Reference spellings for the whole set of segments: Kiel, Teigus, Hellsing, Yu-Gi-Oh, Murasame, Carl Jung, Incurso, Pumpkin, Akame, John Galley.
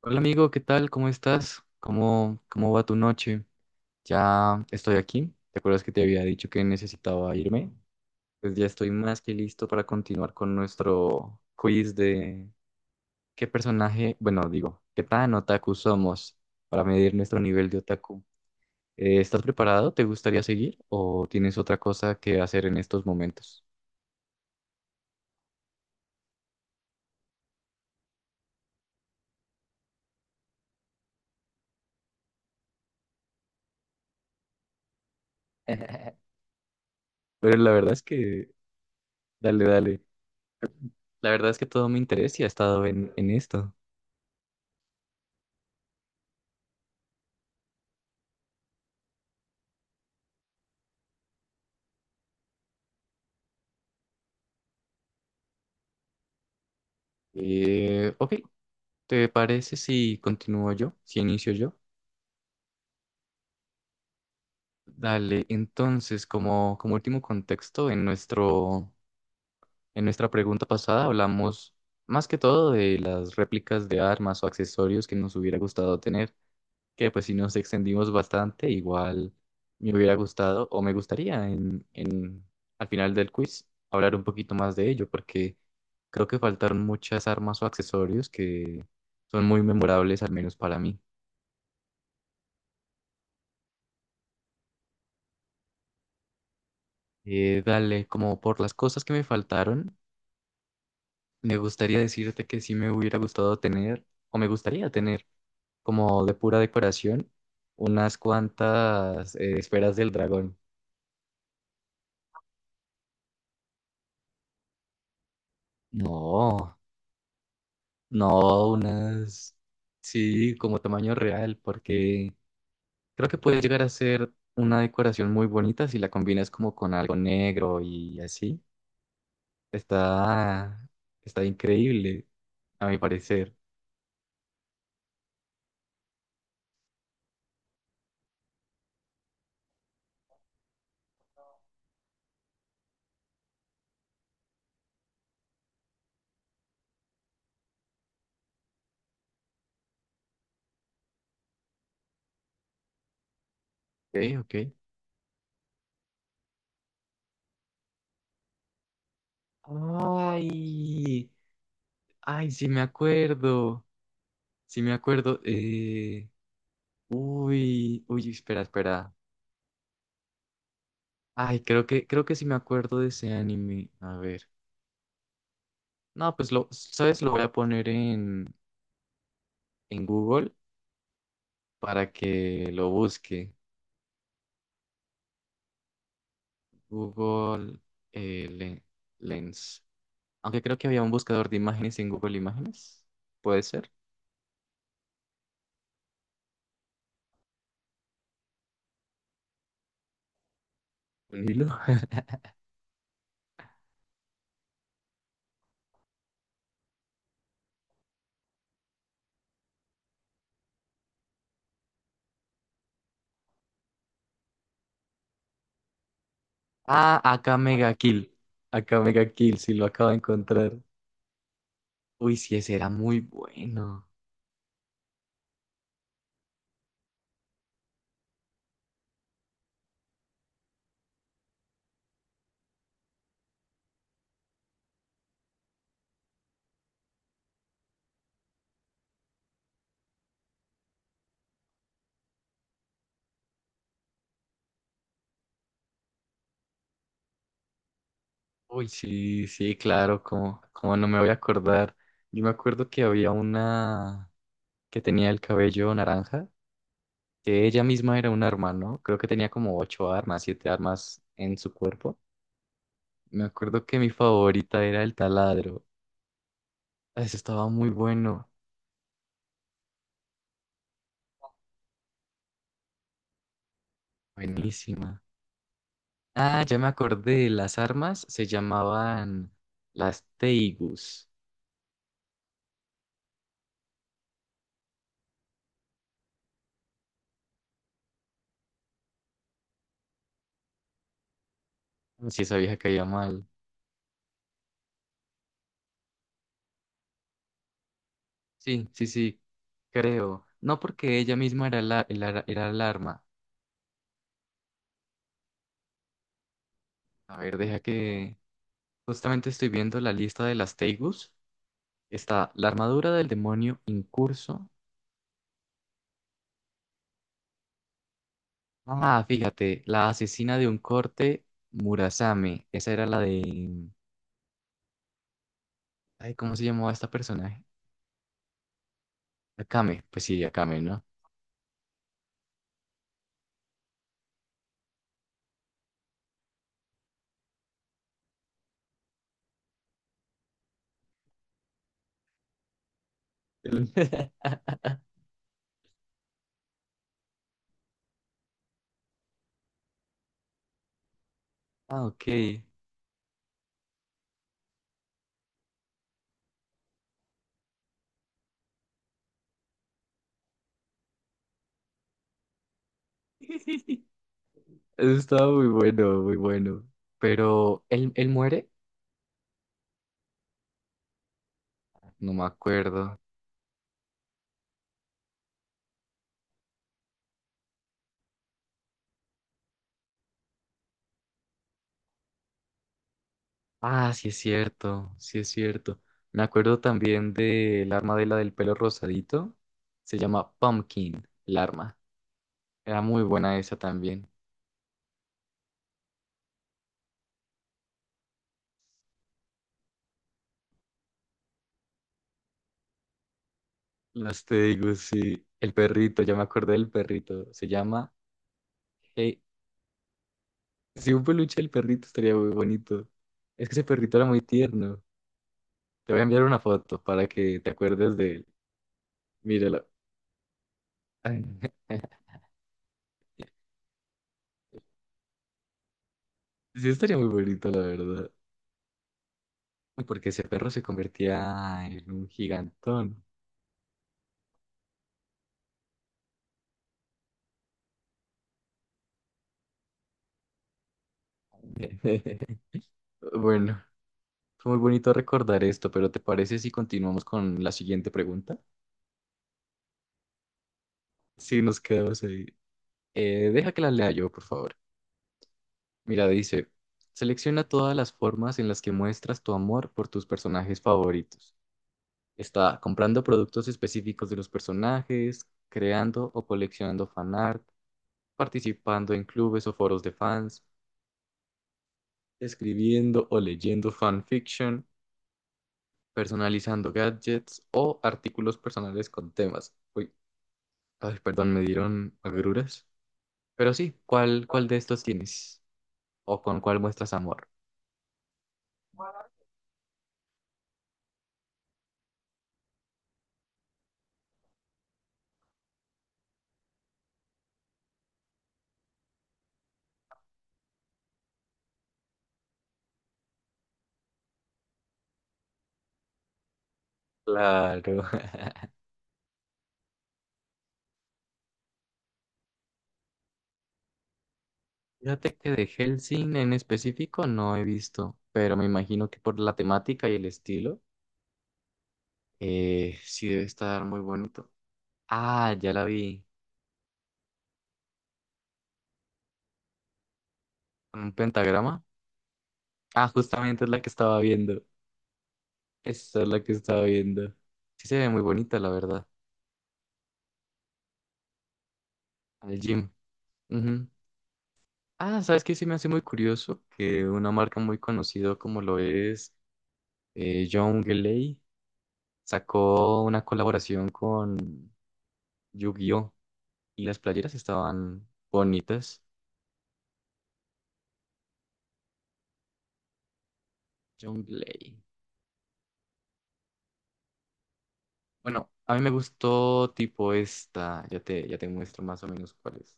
Hola amigo, ¿qué tal? ¿Cómo estás? ¿Cómo va tu noche? Ya estoy aquí. ¿Te acuerdas que te había dicho que necesitaba irme? Pues ya estoy más que listo para continuar con nuestro quiz de qué personaje, bueno, digo, qué tan otaku somos para medir nuestro nivel de otaku. ¿Estás preparado? ¿Te gustaría seguir o tienes otra cosa que hacer en estos momentos? Pero la verdad es que, dale, dale. La verdad es que todo mi interés y ha estado en esto. Ok, ¿te parece si continúo yo, si inicio yo? Dale, entonces, como último contexto, en nuestra pregunta pasada hablamos más que todo de las réplicas de armas o accesorios que nos hubiera gustado tener, que pues si nos extendimos bastante, igual me hubiera gustado o me gustaría al final del quiz hablar un poquito más de ello, porque creo que faltaron muchas armas o accesorios que son muy memorables, al menos para mí. Dale, como por las cosas que me faltaron, me gustaría decirte que sí me hubiera gustado tener, o me gustaría tener, como de pura decoración, unas cuantas esferas del dragón. No, no, unas, sí, como tamaño real, porque creo que puede llegar a ser una decoración muy bonita si la combinas como con algo negro y así. Está, está increíble, a mi parecer. Ok, ok. Ay. Ay, sí me acuerdo, sí me acuerdo. Espera, espera. Ay, creo que sí me acuerdo de ese anime. A ver. No, pues lo, ¿sabes? Lo voy a poner en Google para que lo busque. Google eh, le- Lens. Aunque creo que había un buscador de imágenes en Google Imágenes. ¿Puede ser? Un hilo. Ah, acá Mega Kill. Acá Mega Kill, sí lo acabo de encontrar. Uy, sí, ese era muy bueno. Uy, sí, sí, claro, como no me voy a acordar. Yo me acuerdo que había una que tenía el cabello naranja, que ella misma era un arma, ¿no? Creo que tenía como ocho armas, siete armas en su cuerpo. Me acuerdo que mi favorita era el taladro. Ah, eso estaba muy bueno, buenísima. Ah, ya me acordé, las armas se llamaban las Teigus. Si esa vieja caía mal. Sí, sí, sí, creo. No porque ella misma era era el arma. A ver, deja que... Justamente estoy viendo la lista de las Teigus. Está la armadura del demonio Incurso. Ah, fíjate, la asesina de un corte Murasame. Esa era la de... Ay, ¿cómo se llamaba esta personaje? Akame. Pues sí, Akame, ¿no? Ah, ok. Eso estaba muy bueno, muy bueno. Pero, ¿él, él muere? No me acuerdo. Ah, sí es cierto, sí es cierto. Me acuerdo también del arma de la del pelo rosadito. Se llama Pumpkin, el arma. Era muy buena esa también. Las te digo, sí. El perrito, ya me acordé del perrito. Se llama... Hey, si un peluche del perrito estaría muy bonito. Es que ese perrito era muy tierno. Te voy a enviar una foto para que te acuerdes de él. Míralo. Sí, estaría muy bonito, la verdad. Porque ese perro se convertía en un gigantón. Bueno, fue muy bonito recordar esto, pero ¿te parece si continuamos con la siguiente pregunta? Sí, nos quedamos ahí. Deja que la lea yo, por favor. Mira, dice, selecciona todas las formas en las que muestras tu amor por tus personajes favoritos. Está comprando productos específicos de los personajes, creando o coleccionando fanart, participando en clubes o foros de fans, escribiendo o leyendo fanfiction, personalizando gadgets o artículos personales con temas. Uy, ay, perdón, me dieron agruras. Pero sí, ¿cuál de estos tienes? ¿O con cuál muestras amor? Claro. Fíjate que de Hellsing en específico no he visto, pero me imagino que por la temática y el estilo, sí debe estar muy bonito. Ah, ya la vi. ¿Con un pentagrama? Ah, justamente es la que estaba viendo. Esa es la que estaba viendo. Sí se ve muy bonita, la verdad. Al gym. Ujú. Ah, ¿sabes qué? Sí me hace muy curioso que una marca muy conocida como lo es. John Galley sacó una colaboración con Yu-Gi-Oh! Y las playeras estaban bonitas. John Galley. Bueno, a mí me gustó tipo esta. Ya te muestro más o menos cuál es.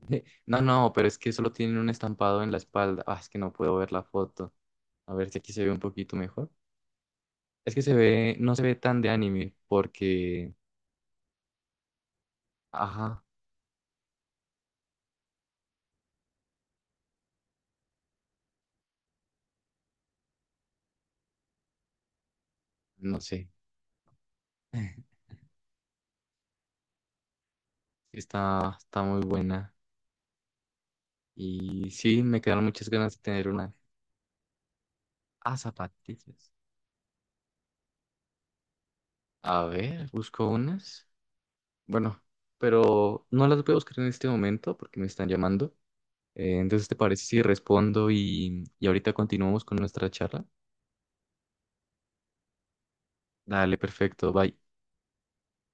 No, no, pero es que solo tienen un estampado en la espalda. Ah, es que no puedo ver la foto. A ver si aquí se ve un poquito mejor. Es que se ve, no se ve tan de anime porque, ajá, no sé. Está muy buena. Y sí, me quedaron muchas ganas de tener una. Ah, zapatillas. A ver, busco unas. Bueno, pero no las voy a buscar en este momento porque me están llamando. Entonces, ¿te parece si respondo y ahorita continuamos con nuestra charla? Dale, perfecto, bye.